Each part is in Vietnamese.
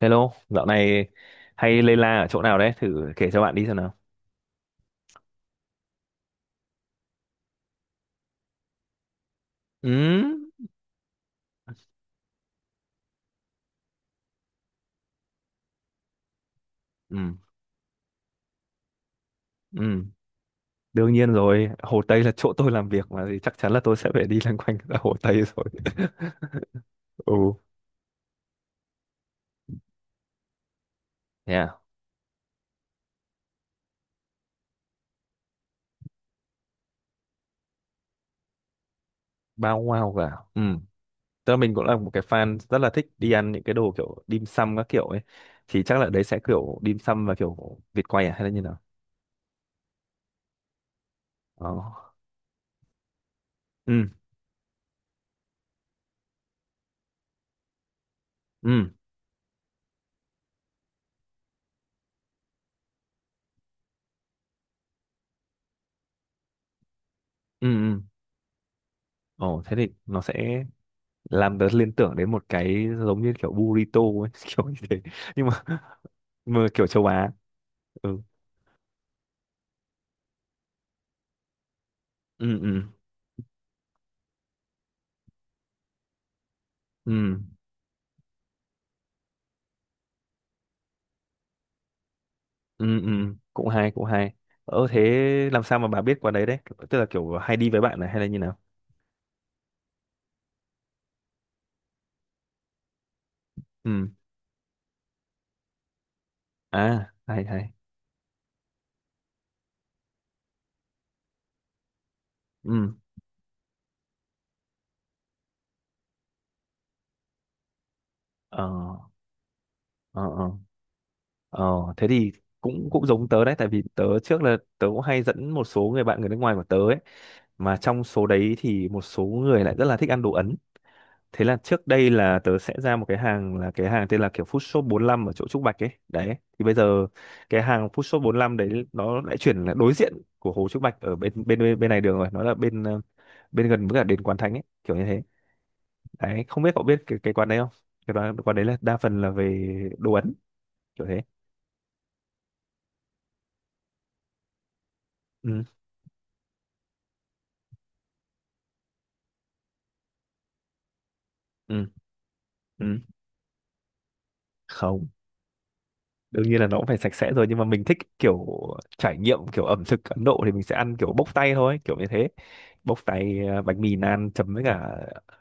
Hello, dạo này hay lây la ở chỗ nào đấy? Thử kể cho bạn đi xem nào. Ừ, ừ, ừ. Đương nhiên rồi, Hồ Tây là chỗ tôi làm việc mà thì chắc chắn là tôi sẽ phải đi loanh quanh ở Hồ Tây rồi. Ừ, yeah, bao wow cả. Ừ, tức là mình cũng là một cái fan rất là thích đi ăn những cái đồ kiểu dim sum các kiểu ấy. Thì chắc là đấy sẽ kiểu dim sum và kiểu vịt quay à hay là như nào? Đó. Ừ, ừ, ừ, ừ. Ồ, thế thì nó sẽ làm tớ liên tưởng đến một cái giống như kiểu burrito ấy, kiểu như thế, nhưng mà kiểu châu Á. Ừ, ừ, ừ, ừ, ừ, ừ, cũng hay cũng hay. Thế làm sao mà bà biết qua đấy đấy, tức là kiểu hay đi với bạn này hay là như nào? Ừ, à hay hay. Ừ, ờ, ờ, ờ, ờ. Thế thì cũng cũng giống tớ đấy, tại vì tớ trước là tớ cũng hay dẫn một số người bạn người nước ngoài của tớ ấy, mà trong số đấy thì một số người lại rất là thích ăn đồ Ấn. Thế là trước đây là tớ sẽ ra một cái hàng, là cái hàng tên là kiểu Food Shop bốn lăm ở chỗ Trúc Bạch ấy. Đấy. Thì bây giờ cái hàng Food Shop bốn lăm đấy nó lại chuyển là đối diện của hồ Trúc Bạch, ở bên này đường rồi, nó là bên bên gần với cả đền Quán Thánh ấy, kiểu như thế. Đấy, không biết cậu biết cái quán đấy không? Cái quán, quán đấy là đa phần là về đồ Ấn, kiểu thế. Ừ, ừ, ừ. Không, đương nhiên là nó cũng phải sạch sẽ rồi, nhưng mà mình thích kiểu trải nghiệm kiểu ẩm thực Ấn Độ thì mình sẽ ăn kiểu bốc tay thôi, kiểu như thế. Bốc tay à, bánh mì naan chấm với cả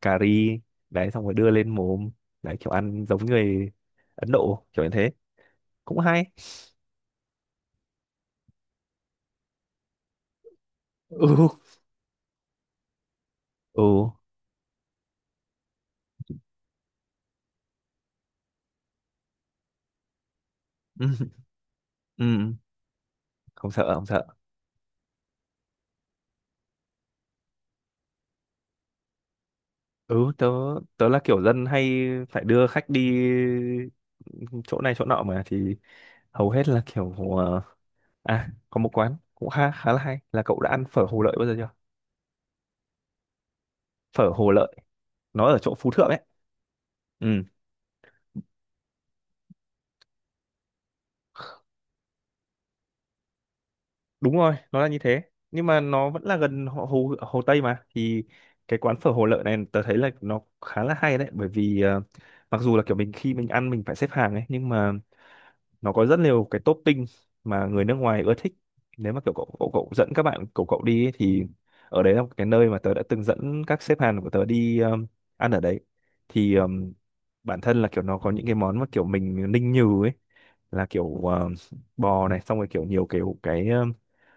cà ri, đấy xong rồi đưa lên mồm, đấy kiểu ăn giống người Ấn Độ kiểu như thế, cũng hay. Ừ, ừ, ừ, ừ. Không sợ không sợ. Ừ, tớ tớ là kiểu dân hay phải đưa khách đi chỗ này chỗ nọ mà thì hầu hết là kiểu ờ, à, có một quán cũng khá khá là hay, là cậu đã ăn phở Hồ Lợi bao giờ chưa? Phở Hồ Lợi, nó ở chỗ Phú Thượng ấy. Ừ, đúng rồi, nó là như thế. Nhưng mà nó vẫn là gần Hồ Hồ, Hồ Tây mà, thì cái quán phở Hồ Lợi này tớ thấy là nó khá là hay đấy, bởi vì mặc dù là kiểu mình khi mình ăn mình phải xếp hàng ấy, nhưng mà nó có rất nhiều cái topping mà người nước ngoài ưa thích. Nếu mà kiểu cậu cậu, cậu dẫn các bạn cậu cậu đi ấy, thì ở đấy là một cái nơi mà tớ đã từng dẫn các sếp Hàn của tớ đi, ăn ở đấy thì bản thân là kiểu nó có những cái món mà kiểu mình ninh nhừ ấy, là kiểu bò này, xong rồi kiểu nhiều kiểu cái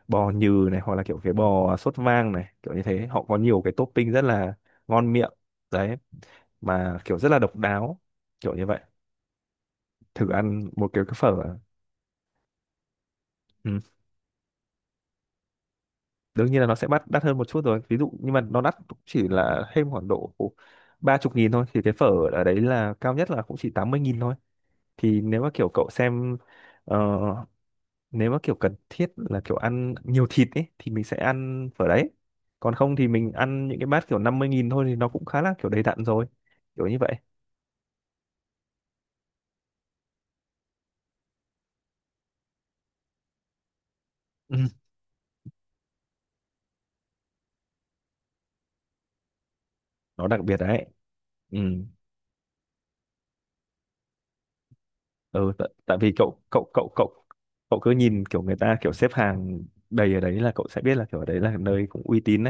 bò nhừ này, hoặc là kiểu cái bò sốt vang này kiểu như thế. Họ có nhiều cái topping rất là ngon miệng đấy, mà kiểu rất là độc đáo, kiểu như vậy. Thử ăn một cái phở. Ừ. Đương nhiên là nó sẽ bắt đắt hơn một chút rồi ví dụ, nhưng mà nó đắt cũng chỉ là thêm khoảng độ 30.000 thôi, thì cái phở ở đấy là cao nhất là cũng chỉ 80.000 thôi. Thì nếu mà kiểu cậu xem ờ, nếu mà kiểu cần thiết là kiểu ăn nhiều thịt ấy thì mình sẽ ăn phở đấy, còn không thì mình ăn những cái bát kiểu 50.000 thôi, thì nó cũng khá là kiểu đầy đặn rồi, kiểu như vậy. Ừ. Nó đặc biệt đấy. Ừ. Ừ, tại, tại vì cậu cậu cậu cậu cậu cứ nhìn kiểu người ta kiểu xếp hàng đầy ở đấy là cậu sẽ biết là kiểu ở đấy là nơi cũng uy tín.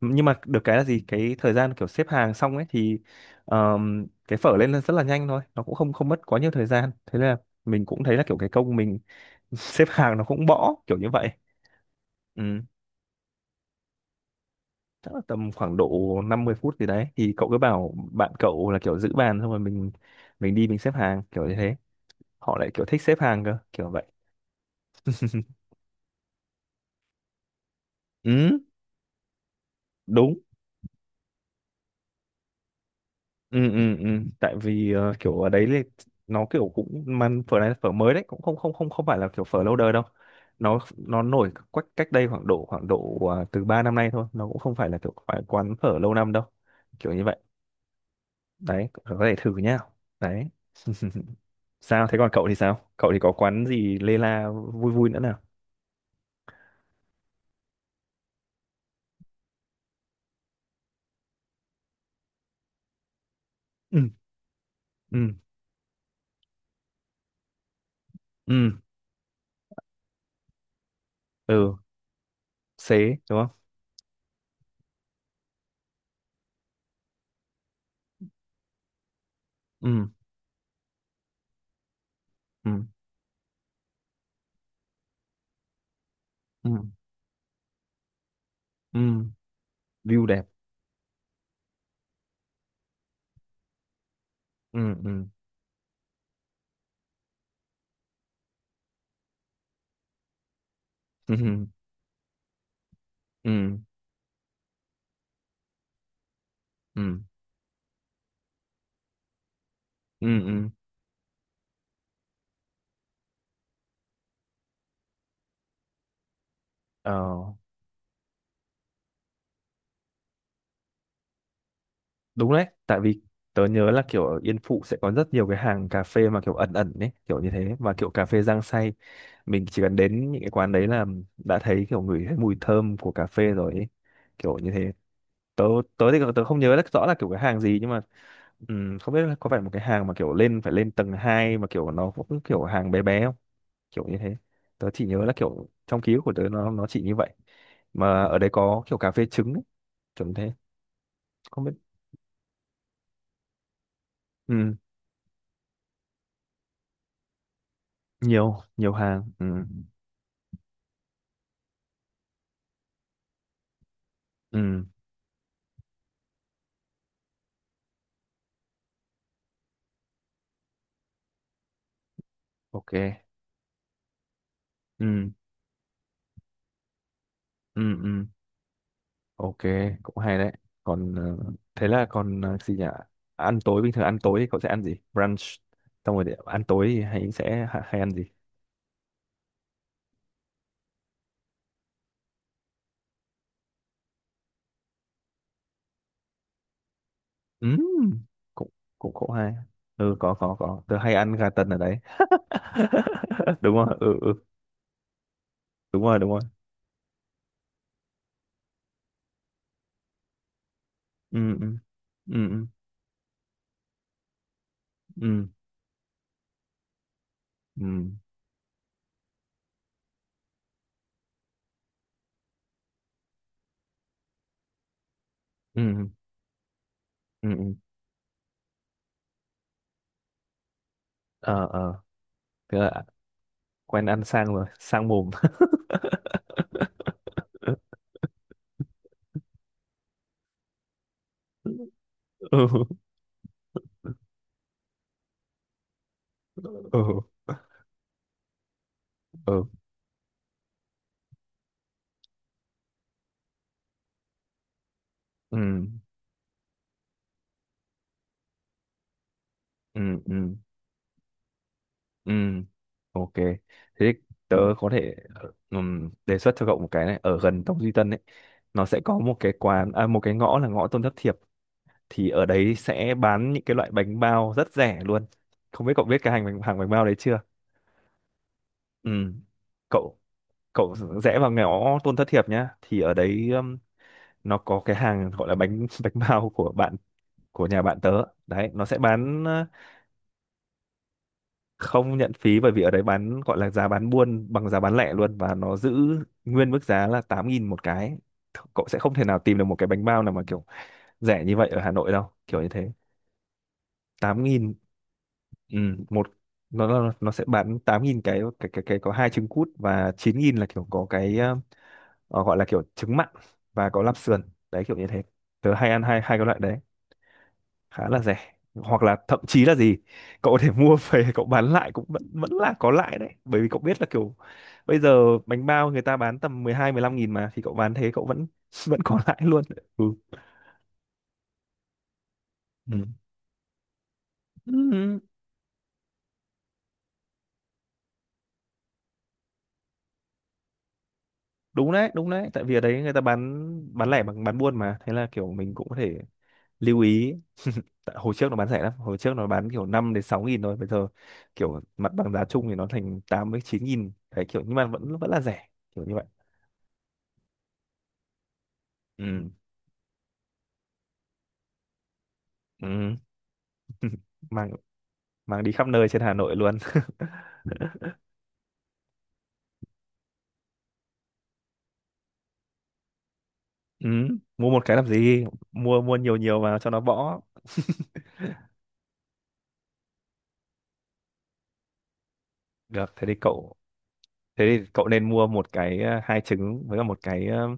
Nhưng mà được cái là gì, cái thời gian kiểu xếp hàng xong ấy thì cái phở lên là rất là nhanh thôi, nó cũng không không mất quá nhiều thời gian, thế nên là mình cũng thấy là kiểu cái công mình xếp hàng nó cũng bỏ, kiểu như vậy. Ừ. Chắc là tầm khoảng độ 50 phút gì đấy, thì cậu cứ bảo bạn cậu là kiểu giữ bàn xong rồi mình đi mình xếp hàng kiểu như thế. Họ lại kiểu thích xếp hàng cơ, kiểu vậy. Ừ, đúng. Ừ, ừ, ừ, tại vì kiểu ở đấy thì nó kiểu cũng, mà phở này là phở mới đấy, cũng không không không không phải là kiểu phở lâu đời đâu. Nó nổi cách cách đây khoảng độ à, từ 3 năm nay thôi. Nó cũng không phải là kiểu phải quán phở lâu năm đâu, kiểu như vậy. Đấy có thể thử nhá. Đấy. Sao thế, còn cậu thì sao, cậu thì có quán gì lê la vui vui nữa nào? Ừ, ừ, ừ, ừ. Xế đúng không? Ừ, ừ, ừ, ừ, view đẹp. Ừ, ừ, ừ, ừ, ừ, ừ, ừ. Ờ. Đúng đấy, tại vì tớ nhớ là kiểu ở Yên Phụ sẽ có rất nhiều cái hàng cà phê mà kiểu ẩn ẩn đấy, kiểu như thế, và kiểu cà phê rang xay. Mình chỉ cần đến những cái quán đấy là đã thấy kiểu ngửi thấy mùi thơm của cà phê rồi ấy. Kiểu như thế. Tớ tớ thì tớ không nhớ rất rõ là kiểu cái hàng gì, nhưng mà không biết là có phải một cái hàng mà kiểu lên phải lên tầng 2 mà kiểu nó cũng kiểu hàng bé bé không? Kiểu như thế. Tớ chỉ nhớ là kiểu trong ký ức của tớ nó chỉ như vậy. Mà ở đấy có kiểu cà phê trứng ấy, kiểu như thế. Không biết. Ừm, nhiều nhiều hàng. Ừ, ừ, ok, ừ, ừ, ừ, ok, cũng hay đấy. Còn thế là còn gì nhỉ, ăn tối bình thường, ăn tối thì cậu sẽ ăn gì? Brunch xong rồi để ăn tối thì hay sẽ hay ăn gì? ừm, cũng cũng cũng hay. Ừ, có, tớ hay ăn gà tần ở đấy. Đúng rồi. Ừ, ừ, đúng rồi đúng rồi. Ừ, ừ, ừ, ừ, ừ, ừ, ừ, ừ, ừ, ừ. Ờ, ờ, thế là quen ăn sang rồi sang mồm. Ừ, ừ, ừ, ừ. Ừ. Ừ, ừ, ừ, ok. Thế tớ có thể đề xuất cho cậu một cái này ở gần Tông Duy Tân ấy. Nó sẽ có một cái quán à, một cái ngõ là ngõ Tôn Thất Thiệp, thì ở đấy sẽ bán những cái loại bánh bao rất rẻ luôn. Không biết cậu biết cái hàng bánh bao đấy chưa? Ừ, cậu cậu rẽ vào ngõ Tôn Thất Thiệp nhá, thì ở đấy nó có cái hàng gọi là bánh bánh bao của bạn, của nhà bạn tớ. Đấy nó sẽ bán, không nhận phí, bởi vì ở đấy bán gọi là giá bán buôn bằng giá bán lẻ luôn, và nó giữ nguyên mức giá là 8.000 một cái. Cậu sẽ không thể nào tìm được một cái bánh bao nào mà kiểu rẻ như vậy ở Hà Nội đâu, kiểu như thế. 8.000. Ừ, một. Nó sẽ bán 8.000 cái cái có hai trứng cút, và 9.000 là kiểu có cái gọi là kiểu trứng mặn và có lạp sườn, đấy kiểu như thế. Tớ hay ăn hai hai cái loại đấy, khá là rẻ. Hoặc là thậm chí là gì, cậu có thể mua về, cậu bán lại cũng vẫn vẫn là có lãi đấy, bởi vì cậu biết là kiểu bây giờ bánh bao người ta bán tầm mười hai mười 15 nghìn mà, thì cậu bán thế cậu vẫn vẫn có lãi luôn. Ừ. Ừ. Ừ, đúng đấy đúng đấy, tại vì ở đấy người ta bán lẻ bằng bán buôn mà, thế là kiểu mình cũng có thể lưu ý. Tại hồi trước nó bán rẻ lắm, hồi trước nó bán kiểu 5.000 đến 6.000 thôi, bây giờ kiểu mặt bằng giá chung thì nó thành 8.000 với 9.000 đấy, kiểu nhưng mà vẫn vẫn là rẻ, kiểu như vậy. Ừ. Ừ. Mà mang đi khắp nơi trên Hà Nội luôn. Ừ, mua một cái làm gì, mua mua nhiều nhiều vào cho nó bõ. Được, thế thì cậu nên mua một cái hai trứng với cả một cái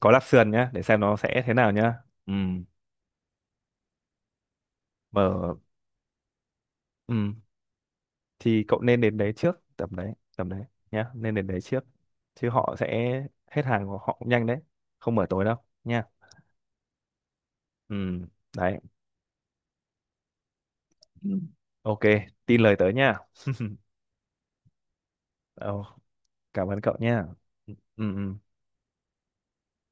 có lạp sườn nhá, để xem nó sẽ thế nào nhá. Ừ, mở. Ừ, thì cậu nên đến đấy trước tầm đấy nhá, nên đến đấy trước, chứ họ sẽ hết hàng của họ cũng nhanh đấy. Không mở tối đâu, nha. Ừ, đấy. Ừ, ok, tin lời tớ nha. Ồ, cảm ơn cậu nha. Ừ, ừ.